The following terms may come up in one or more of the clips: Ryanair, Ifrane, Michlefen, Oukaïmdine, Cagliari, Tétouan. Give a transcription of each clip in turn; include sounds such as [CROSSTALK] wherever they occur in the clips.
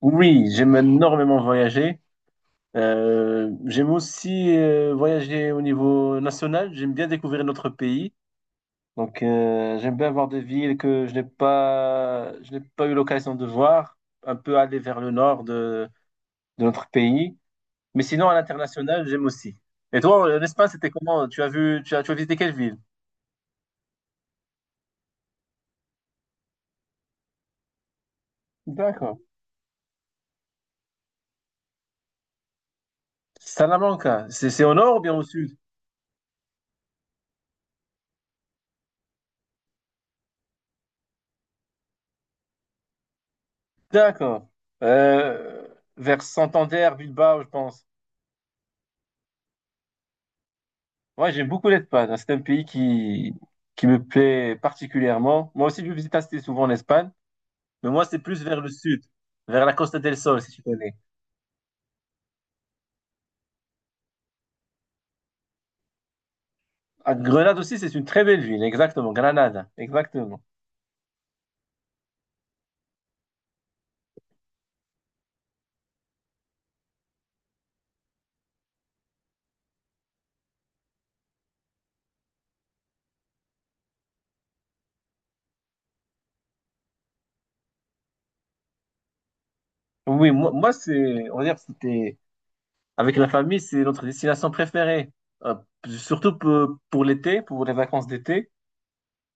Oui, j'aime énormément voyager. J'aime aussi voyager au niveau national. J'aime bien découvrir notre pays. Donc, j'aime bien voir des villes que je n'ai pas eu l'occasion de voir. Un peu aller vers le nord de notre pays. Mais sinon, à l'international, j'aime aussi. Et toi, l'Espagne, c'était comment? Tu as vu, tu as visité quelle ville? D'accord. Salamanca, c'est au nord ou bien au sud? D'accord. Euh, Vers Santander, Bilbao, je pense. Ouais, j'aime beaucoup l'Espagne. C'est un pays qui me plaît particulièrement. Moi aussi, je visite assez souvent l'Espagne, mais moi, c'est plus vers le sud, vers la Costa del Sol, si tu connais. À Grenade aussi, c'est une très belle ville, exactement. Granada, exactement. Oui, moi c'est, on va dire, que c'était, avec la famille, c'est notre destination préférée. Euh, Surtout pour l'été, pour les vacances d'été.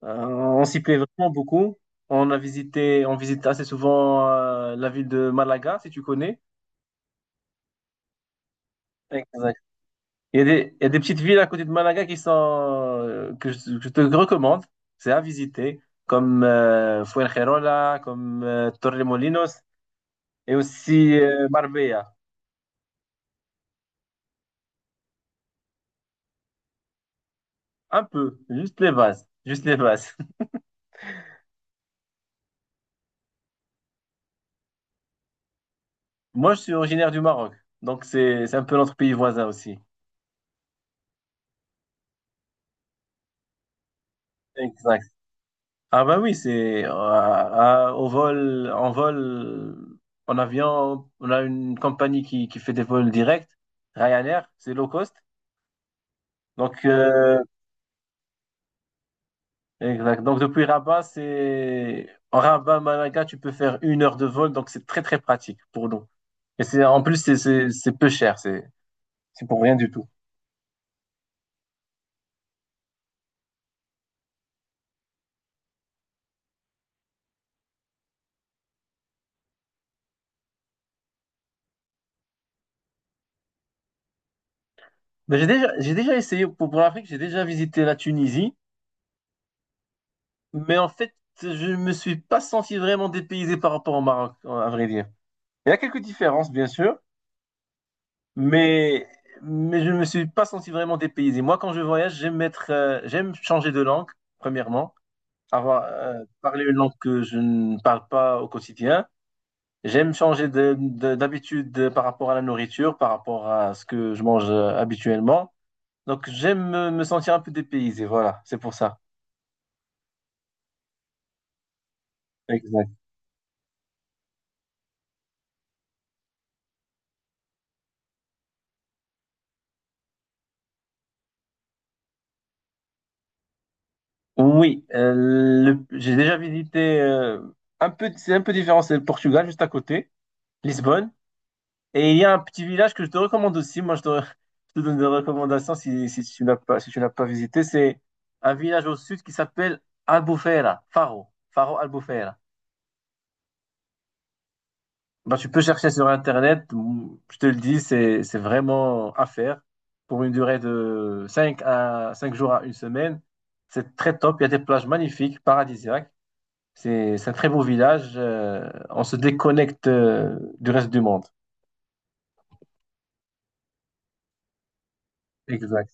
On s'y plaît vraiment beaucoup. On visite assez souvent la ville de Malaga, si tu connais. Exact. Il y a des petites villes à côté de Malaga qui sont, que je te recommande. C'est à visiter, comme Fuengirola, comme Torremolinos et aussi Marbella. Un peu, juste les bases, juste les bases. [LAUGHS] Moi, je suis originaire du Maroc, donc c'est un peu notre pays voisin aussi. Exact. Ah ben oui, c'est au vol, en vol, en avion, on a une compagnie qui fait des vols directs, Ryanair, c'est low cost. Donc, euh, Exact. Donc depuis Rabat, c'est en Rabat, Malaga, tu peux faire 1 heure de vol, donc c'est très très pratique pour nous. Et c'est en plus, c'est peu cher, c'est pour rien du tout. Mais j'ai déjà essayé pour l'Afrique, j'ai déjà visité la Tunisie, mais en fait je me suis pas senti vraiment dépaysé par rapport au Maroc, à vrai dire. Il y a quelques différences bien sûr, mais, mais je ne me suis pas senti vraiment dépaysé. Moi, quand je voyage, j'aime changer de langue, premièrement, avoir parlé une langue que je ne parle pas au quotidien. J'aime changer d'habitude par rapport à la nourriture, par rapport à ce que je mange habituellement. Donc, j'aime me sentir un peu dépaysé, voilà, c'est pour ça. Exact. Oui, j'ai déjà visité un peu, c'est un peu différent, c'est le Portugal juste à côté, Lisbonne. Et il y a un petit village que je te recommande aussi. Moi, [LAUGHS] je te donne des recommandations si tu n'as pas visité. C'est un village au sud qui s'appelle Albufeira, Faro, Faro Albufeira. Bah, tu peux chercher sur Internet. Je te le dis, c'est vraiment à faire pour une durée de 5 jours à 1 semaine. C'est très top. Il y a des plages magnifiques, paradisiaques. C'est un très beau village. On se déconnecte du reste du monde. Exact.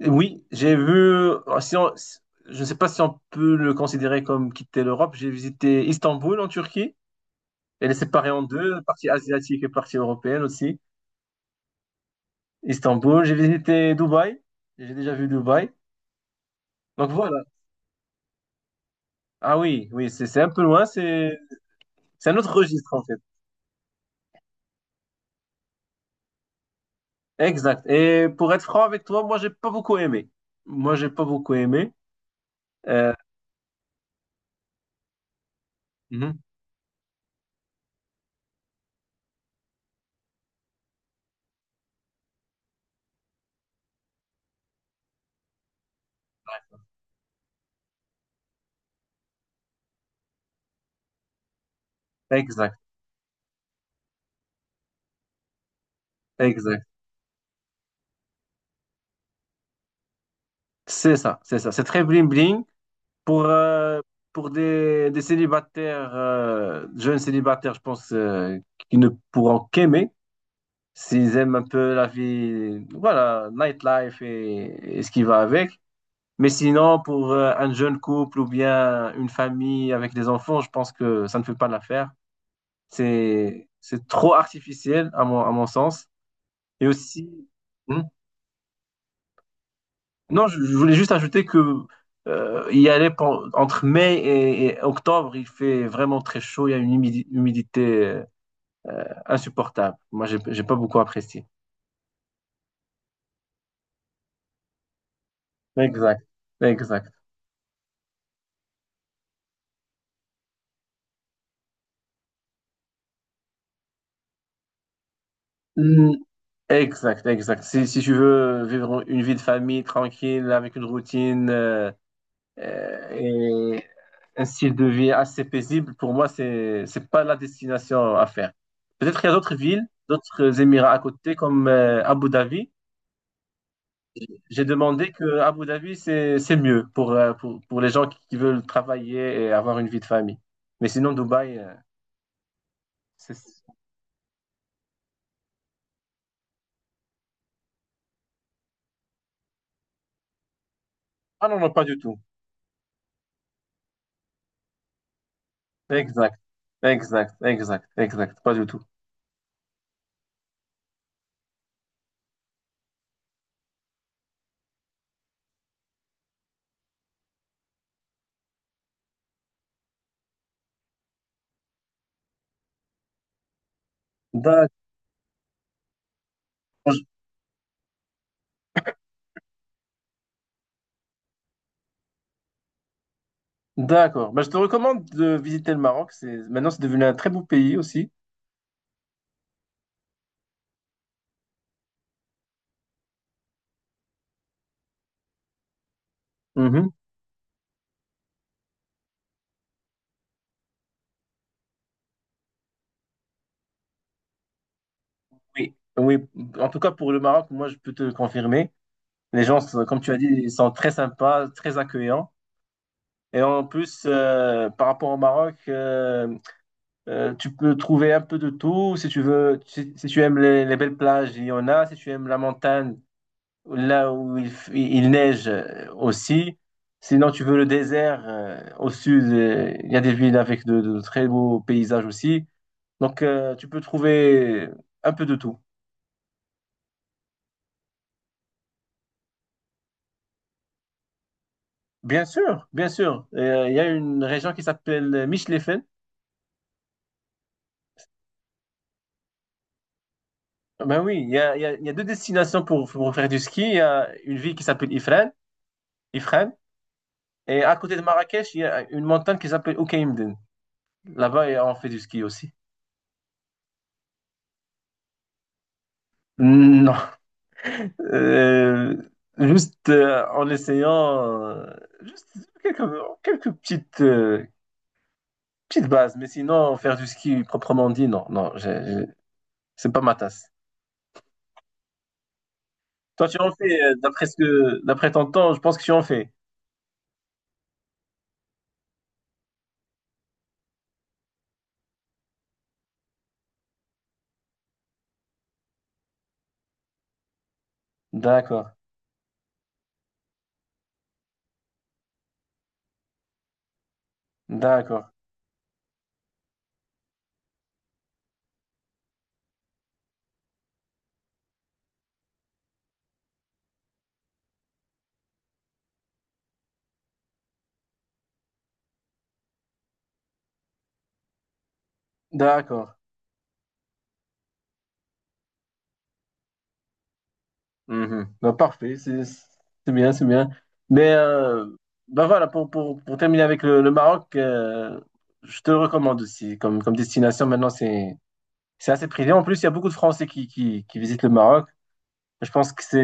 Oui, j'ai vu. Si on- si, Je ne sais pas si on peut le considérer comme quitter l'Europe. J'ai visité Istanbul en Turquie. Elle est séparée en deux, partie asiatique et partie européenne aussi. Istanbul, j'ai visité Dubaï. J'ai déjà vu Dubaï. Donc voilà. Ah oui, oui, c'est un peu loin. C'est un autre registre en fait. Exact. Et pour être franc avec toi, moi j'ai pas beaucoup aimé. Moi j'ai pas beaucoup aimé. Euh, mhm. Exact, exact. C'est ça, c'est ça. C'est très bling bling. Pour, euh, pour des célibataires, jeunes célibataires, je pense, qui ne pourront qu'aimer s'ils aiment un peu la vie, voilà, nightlife et ce qui va avec. Mais sinon, pour un jeune couple ou bien une famille avec des enfants, je pense que ça ne fait pas l'affaire. C'est trop artificiel à mon sens. Et aussi, Hmm? Non, je voulais juste ajouter que il y allait pen- entre mai et octobre, il fait vraiment très chaud, il y a une humidité insupportable. Moi, j'ai pas beaucoup apprécié. Exact, exact. Mm, exact, exact. Si tu veux vivre une vie de famille tranquille, avec une routine et un style de vie assez paisible, pour moi, c'est pas la destination à faire. Peut-être qu'il y a d'autres villes, d'autres Émirats à côté, comme Abu Dhabi. J'ai demandé que Abu Dhabi, c'est mieux pour les gens qui veulent travailler et avoir une vie de famille. Mais sinon, Dubaï, c'est... Ah non, non, pas du tout. Exact, exact, exact, exact, pas du tout. D'accord, je- d'accord. Bah, je te recommande de visiter le Maroc. C'est, maintenant, c'est devenu un très beau pays aussi. Mhm. Oui, oui. En tout cas, pour le Maroc, moi, je peux te confirmer. Les gens, comme tu as dit, ils sont très sympas, très accueillants. Et en plus, par rapport au Maroc, tu peux trouver un peu de tout. Si tu aimes les belles plages, il y en a. Si tu aimes la montagne, là où il neige aussi. Sinon, tu veux le désert, au sud, il y a des villes avec de très beaux paysages aussi. Donc, tu peux trouver un peu de tout. Bien sûr, bien sûr. Il y a une région qui s'appelle Michlefen. Ben oui, il y a deux destinations pour faire du ski. Il y a une ville qui s'appelle Ifrane, Ifrane. Et à côté de Marrakech, il y a une montagne qui s'appelle Oukaïmdine. Là-bas, et on fait du ski aussi. Non. Euh, Juste en essayant juste quelques, quelques petites bases. Mais sinon, faire du ski proprement dit, non. Non, c'est pas ma tasse. Toi, tu en fais, d'après ton temps, je pense que tu en fais. D'accord. D'accord. D'accord. Mhm. Bah, parfait, c'est bien, c'est bien. Mais bah voilà, pour terminer avec le Maroc, je te le recommande aussi comme destination. Maintenant, c'est assez prisé. En plus, il y a beaucoup de Français qui visitent le Maroc. Je pense que c'est,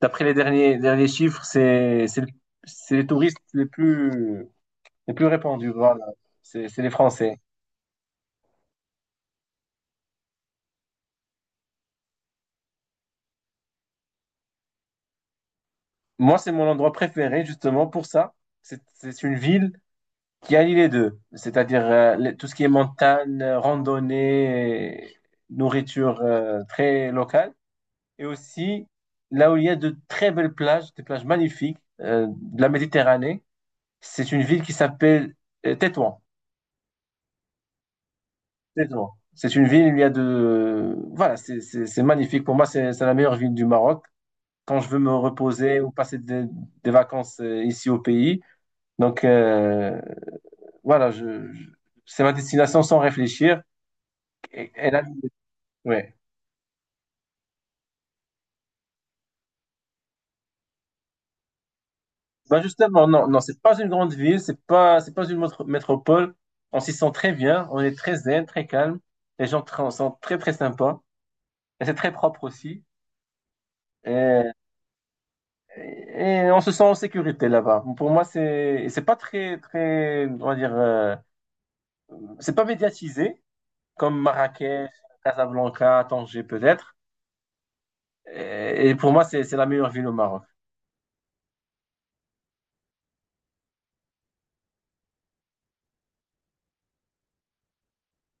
d'après les derniers chiffres, c'est les touristes les plus répandus. Voilà, c'est les Français. Moi, c'est mon endroit préféré, justement, pour ça. C'est une ville qui allie les deux, c'est-à-dire tout ce qui est montagne, randonnée, et nourriture très locale, et aussi là où il y a de très belles plages, des plages magnifiques de la Méditerranée. C'est une ville qui s'appelle Tétouan. Tétouan. C'est une ville où il y a de... Voilà, c'est magnifique. Pour moi, c'est la meilleure ville du Maroc. Quand je veux me reposer ou passer des vacances ici au pays, donc voilà, c'est ma destination sans réfléchir. Et- elle a- ouais. Ben justement, non, non, c'est pas une grande ville, c'est pas une métropole. On s'y sent très bien, on est très zen, très calme. Les gens sont très très sympas. Et c'est très propre aussi. Et, et on se sent en sécurité là-bas. Pour moi, c'est pas très, très, on va dire, c'est pas médiatisé comme Marrakech, Casablanca, Tanger peut-être. Et pour moi, c'est la meilleure ville au Maroc.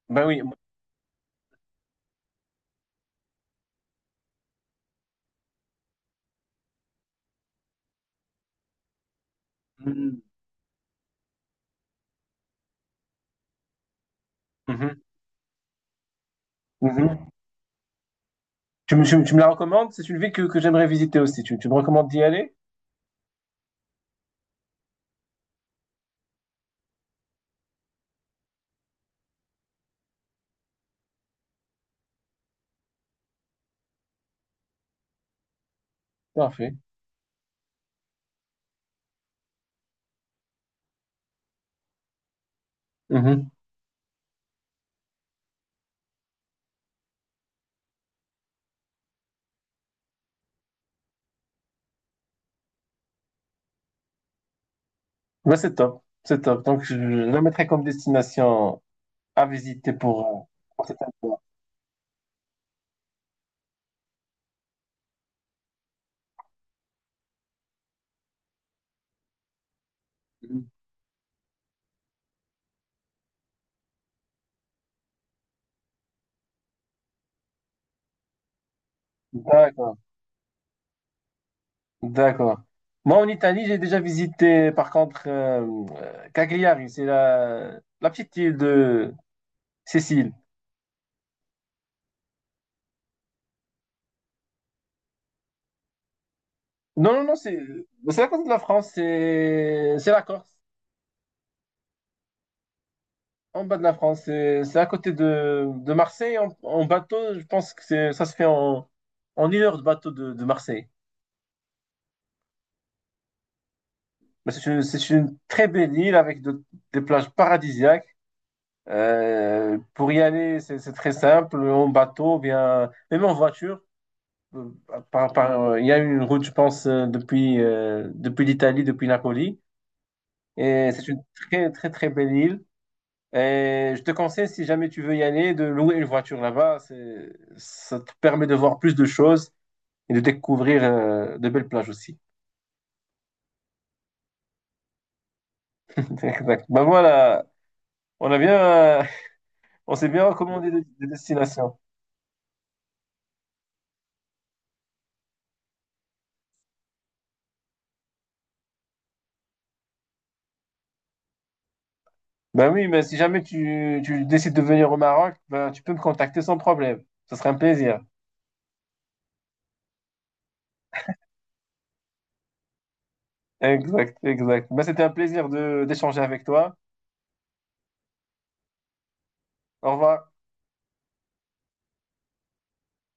Ben oui. Mhm. Mhm. Mhm. Tu me la recommandes? C'est une ville que j'aimerais visiter aussi. Tu me recommandes d'y aller? Parfait. Mhm. Ouais, c'est top. C'est top. Donc, je la mettrai comme destination à visiter pour cet endroit. Mhm. D'accord. D'accord. Moi, en Italie, j'ai déjà visité, par contre, Cagliari. C'est la petite île de Sicile. Non, non, non, c'est à côté de la France. C'est la Corse. En bas de la France, c'est à côté de Marseille. En bateau, je pense que ça se fait en 1 heure de bateau de Marseille. Mais c'est une très belle île avec des plages paradisiaques. Pour y aller, c'est très simple, en bateau, bien, même en voiture. Euh, il y a une route, je pense, depuis l'Italie, depuis Napoli. Et c'est une très, très, très belle île. Et je te conseille, si jamais tu veux y aller, de louer une voiture là-bas. Ça te permet de voir plus de choses et de découvrir de belles plages aussi. Exact. Ben voilà, on a bien, euh, [LAUGHS] on s'est bien recommandé des destinations. Ben oui, mais si jamais tu décides de venir au Maroc, ben, tu peux me contacter sans problème. Ce serait un plaisir. Exact, exact. Ben, c'était un plaisir de d'échanger avec toi. Au revoir.